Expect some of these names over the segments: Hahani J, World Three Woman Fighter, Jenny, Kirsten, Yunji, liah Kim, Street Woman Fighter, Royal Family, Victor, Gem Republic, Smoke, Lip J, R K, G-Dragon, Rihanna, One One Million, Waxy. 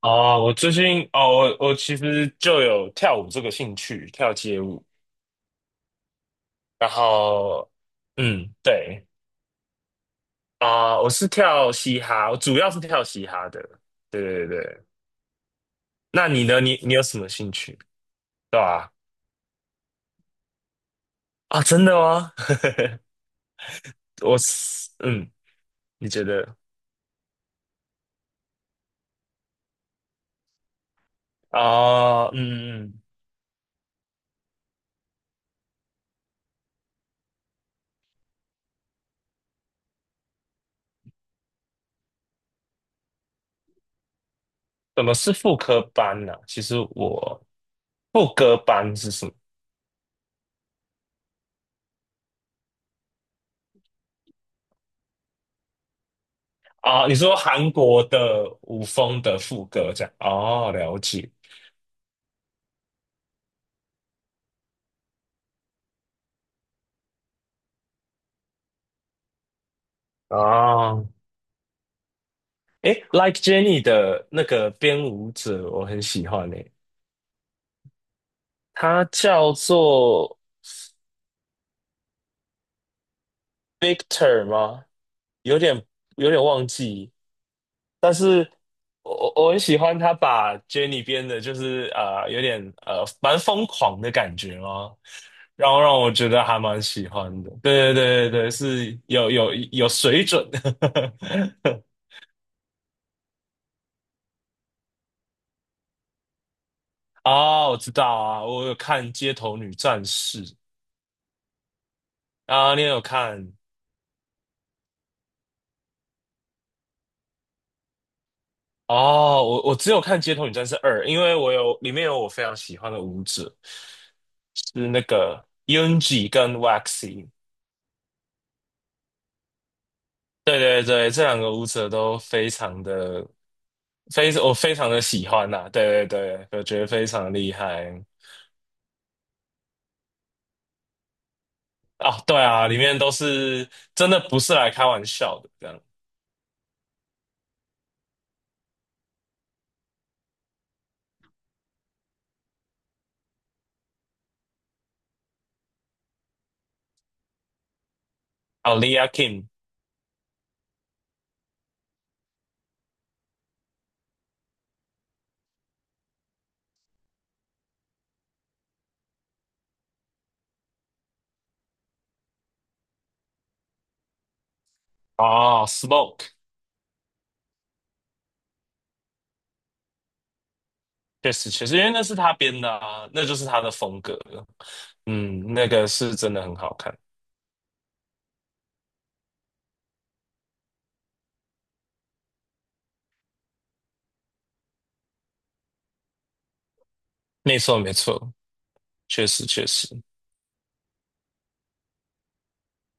哦，我最近我其实就有跳舞这个兴趣，跳街舞。然后，嗯，对啊，我是跳嘻哈，我主要是跳嘻哈的。对对对，那你呢？你有什么兴趣？对吧？啊，真的吗？我是你觉得啊，怎么是副科班呢、其实我副歌班是什么啊？你说韩国的舞风的副歌这样？哦，了解。哦，诶，Like Jenny 的那个编舞者，我很喜欢诶，他叫做 Victor 吗？有点有点忘记，但是我很喜欢他把 Jenny 编的，就是啊有点蛮疯狂的感觉哦，然后让我觉得还蛮喜欢的。对对对对对，是有水准的。啊，我知道啊，我有看《街头女战士》啊，你也有看？哦，我只有看《街头女战士二》，因为里面有我非常喜欢的舞者，是那个 Yunji 跟 Waxy。对对对，这两个舞者都非常的非我非常的喜欢呐、对对对，我觉得非常厉害啊、对啊，里面都是真的不是来开玩笑的这样。啊 Lia Kim 哦，Smoke 确实确实，因为那是他编的啊，那就是他的风格了。嗯，那个是真的很好看，没错没错。确实确实，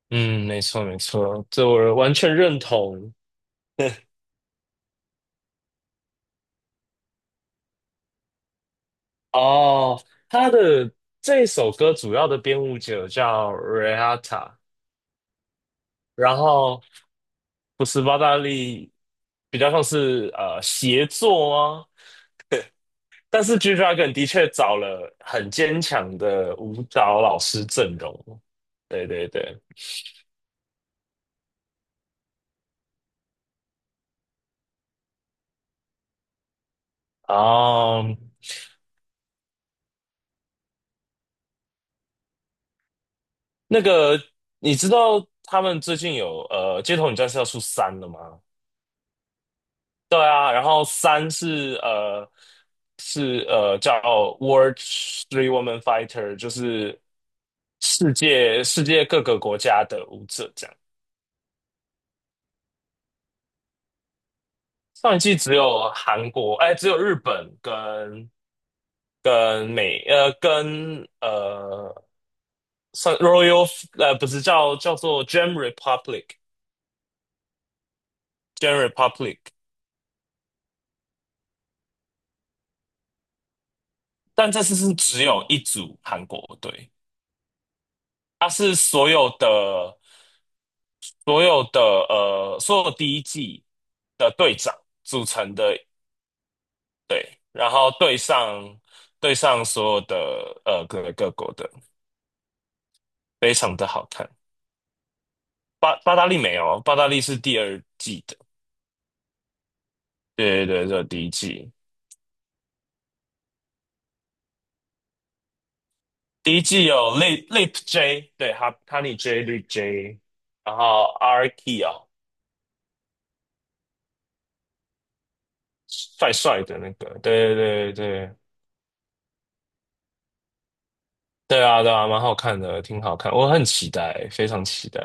嗯，没错没错，这我完全认同。哦，他的这首歌主要的编舞者叫 Rihana 然后不是巴达利，比较像是协作啊。但是 G-Dragon 的确找了很坚强的舞蹈老师阵容。对对对，哦，那个你知道他们最近有《街头女战士》要出三了吗？对啊，然后三是叫 World Three Woman Fighter，就是世界世界各个国家的舞者这样。上一季只有韩国，哎，只有日本跟跟算 Royal 不是叫做 Gem Republic Gem Republic，但这次是只有一组韩国队，它是所有的所有第一季的队长组成的，对，然后对上对上所有的各国的，非常的好看。巴巴达利没有，巴达利是第二季的，对对对，这第一季，第一季有 Lip J，对，哈尼 J Lip J，然后 RK 哦，帅帅的那个，对对对对对啊对啊，蛮好看的，挺好看，我很期待，非常期待。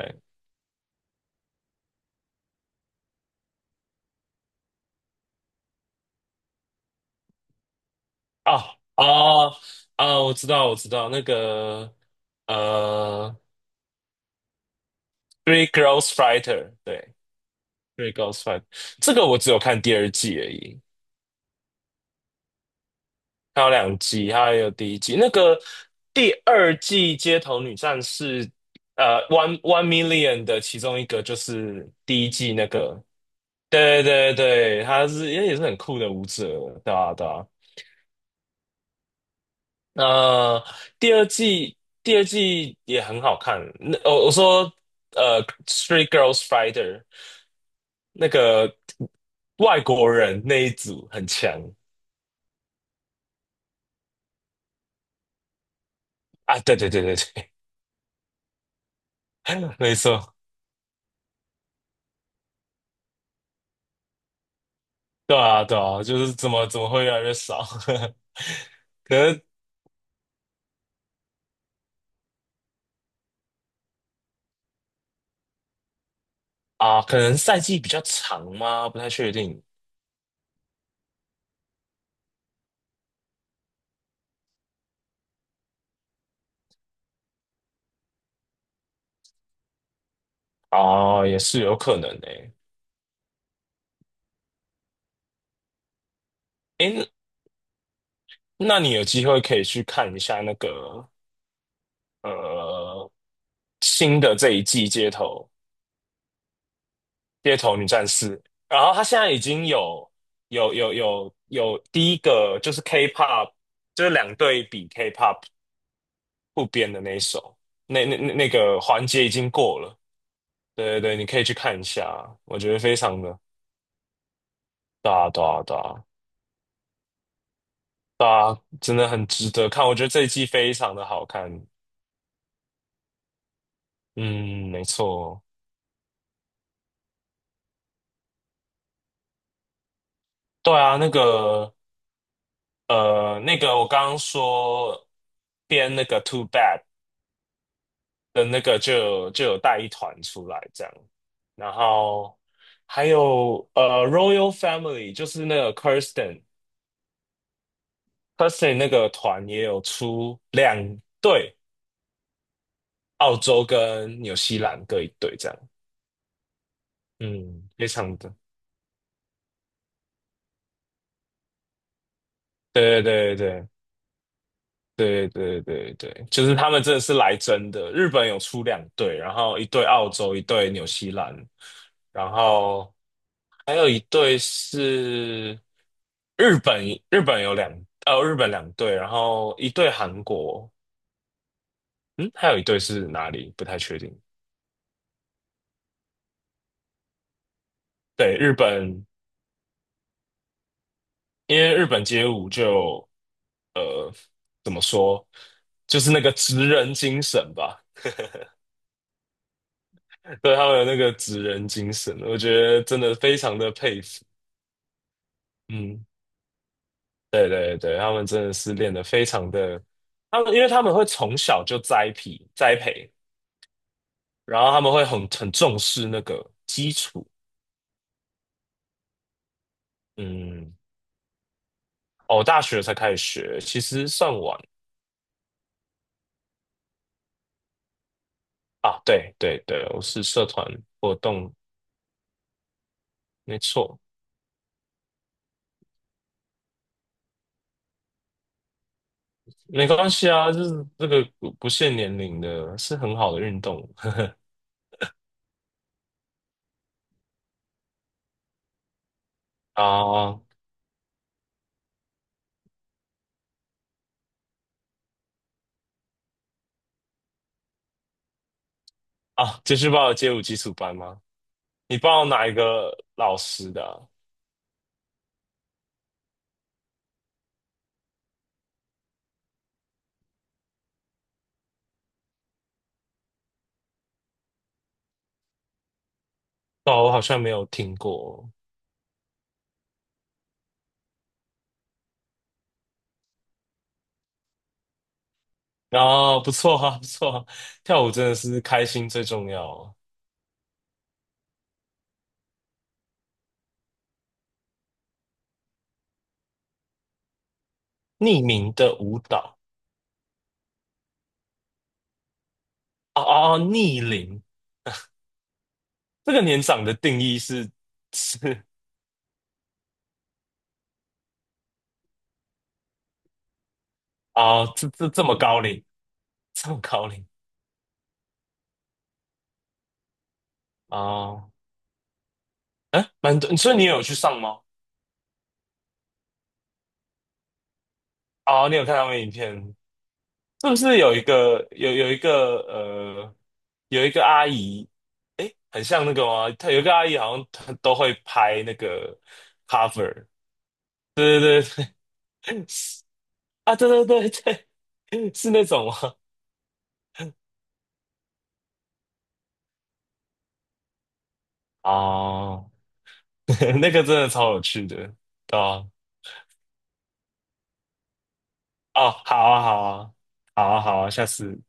啊啊啊！我知道，我知道，那个呃，《Three Girls Fighter》对，《Three Girls Fighter》这个我只有看第二季而已，还有两季，它还有第一季。那个第二季《街头女战士》One Million》的其中一个就是第一季那个，对对对，也也是很酷的舞者，对啊对啊那、第二季也很好看。那我说《Three Girls Fighter》那个外国人那一组很强啊！对对对对对，没错，对啊对啊，就是怎么会越来越少？可能啊，可能赛季比较长吗？不太确定啊，也是有可能的。诶，那你有机会可以去看一下那个呃新的这一季街头女战士，然后她现在已经有第一个就是 K-pop，就是两队比 K-pop 不编的那一首，那个环节已经过了。对对对，你可以去看一下，我觉得非常的大大大大，真的很值得看。我觉得这一季非常的好看。嗯，没错。对啊，那个我刚刚说编那个 Too Bad的那个就有带一团出来这样，然后还有Royal Family 就是那个 Kirsten 那个团也有出两队，澳洲跟纽西兰各一队这样，嗯，非常的，对对对对对对对对，就是他们真的是来真的，日本有出两队，然后一队澳洲，一队纽西兰，然后，还有一对是日本，日本有两，呃，日本两队，然后一队韩国，嗯，还有一队是哪里？不太确定。对，日本，因为日本街舞就怎么说，就是那个职人精神吧，对，他们有那个职人精神，我觉得真的非常的佩服。嗯，对对对，他们真的是练得非常的，他们因为他们会从小就栽培栽培，然后他们会很重视那个基础。嗯，哦，我大学才开始学，其实算晚啊。对对对，我是社团活动，没错，没关系啊，就是这个不限年龄的，是很好的运动 啊啊！继续报街舞基础班吗？你报哪一个老师的啊哦，我好像没有听过。啊，不错啊，不错啊跳舞真的是开心最重要啊匿名的舞蹈啊啊啊！逆龄这个年长的定义是 啊，这么高龄，这么高龄哦，哎，蛮多，所以你有去上吗？哦，你有看他们影片，是不是有一个阿姨，哎，很像那个吗？她有一个阿姨好像她都会拍那个 cover，对对对对，啊，对对对对，是那种吗？哦，那个真的超有趣的，对啊哦，好啊好啊好啊好啊，下次。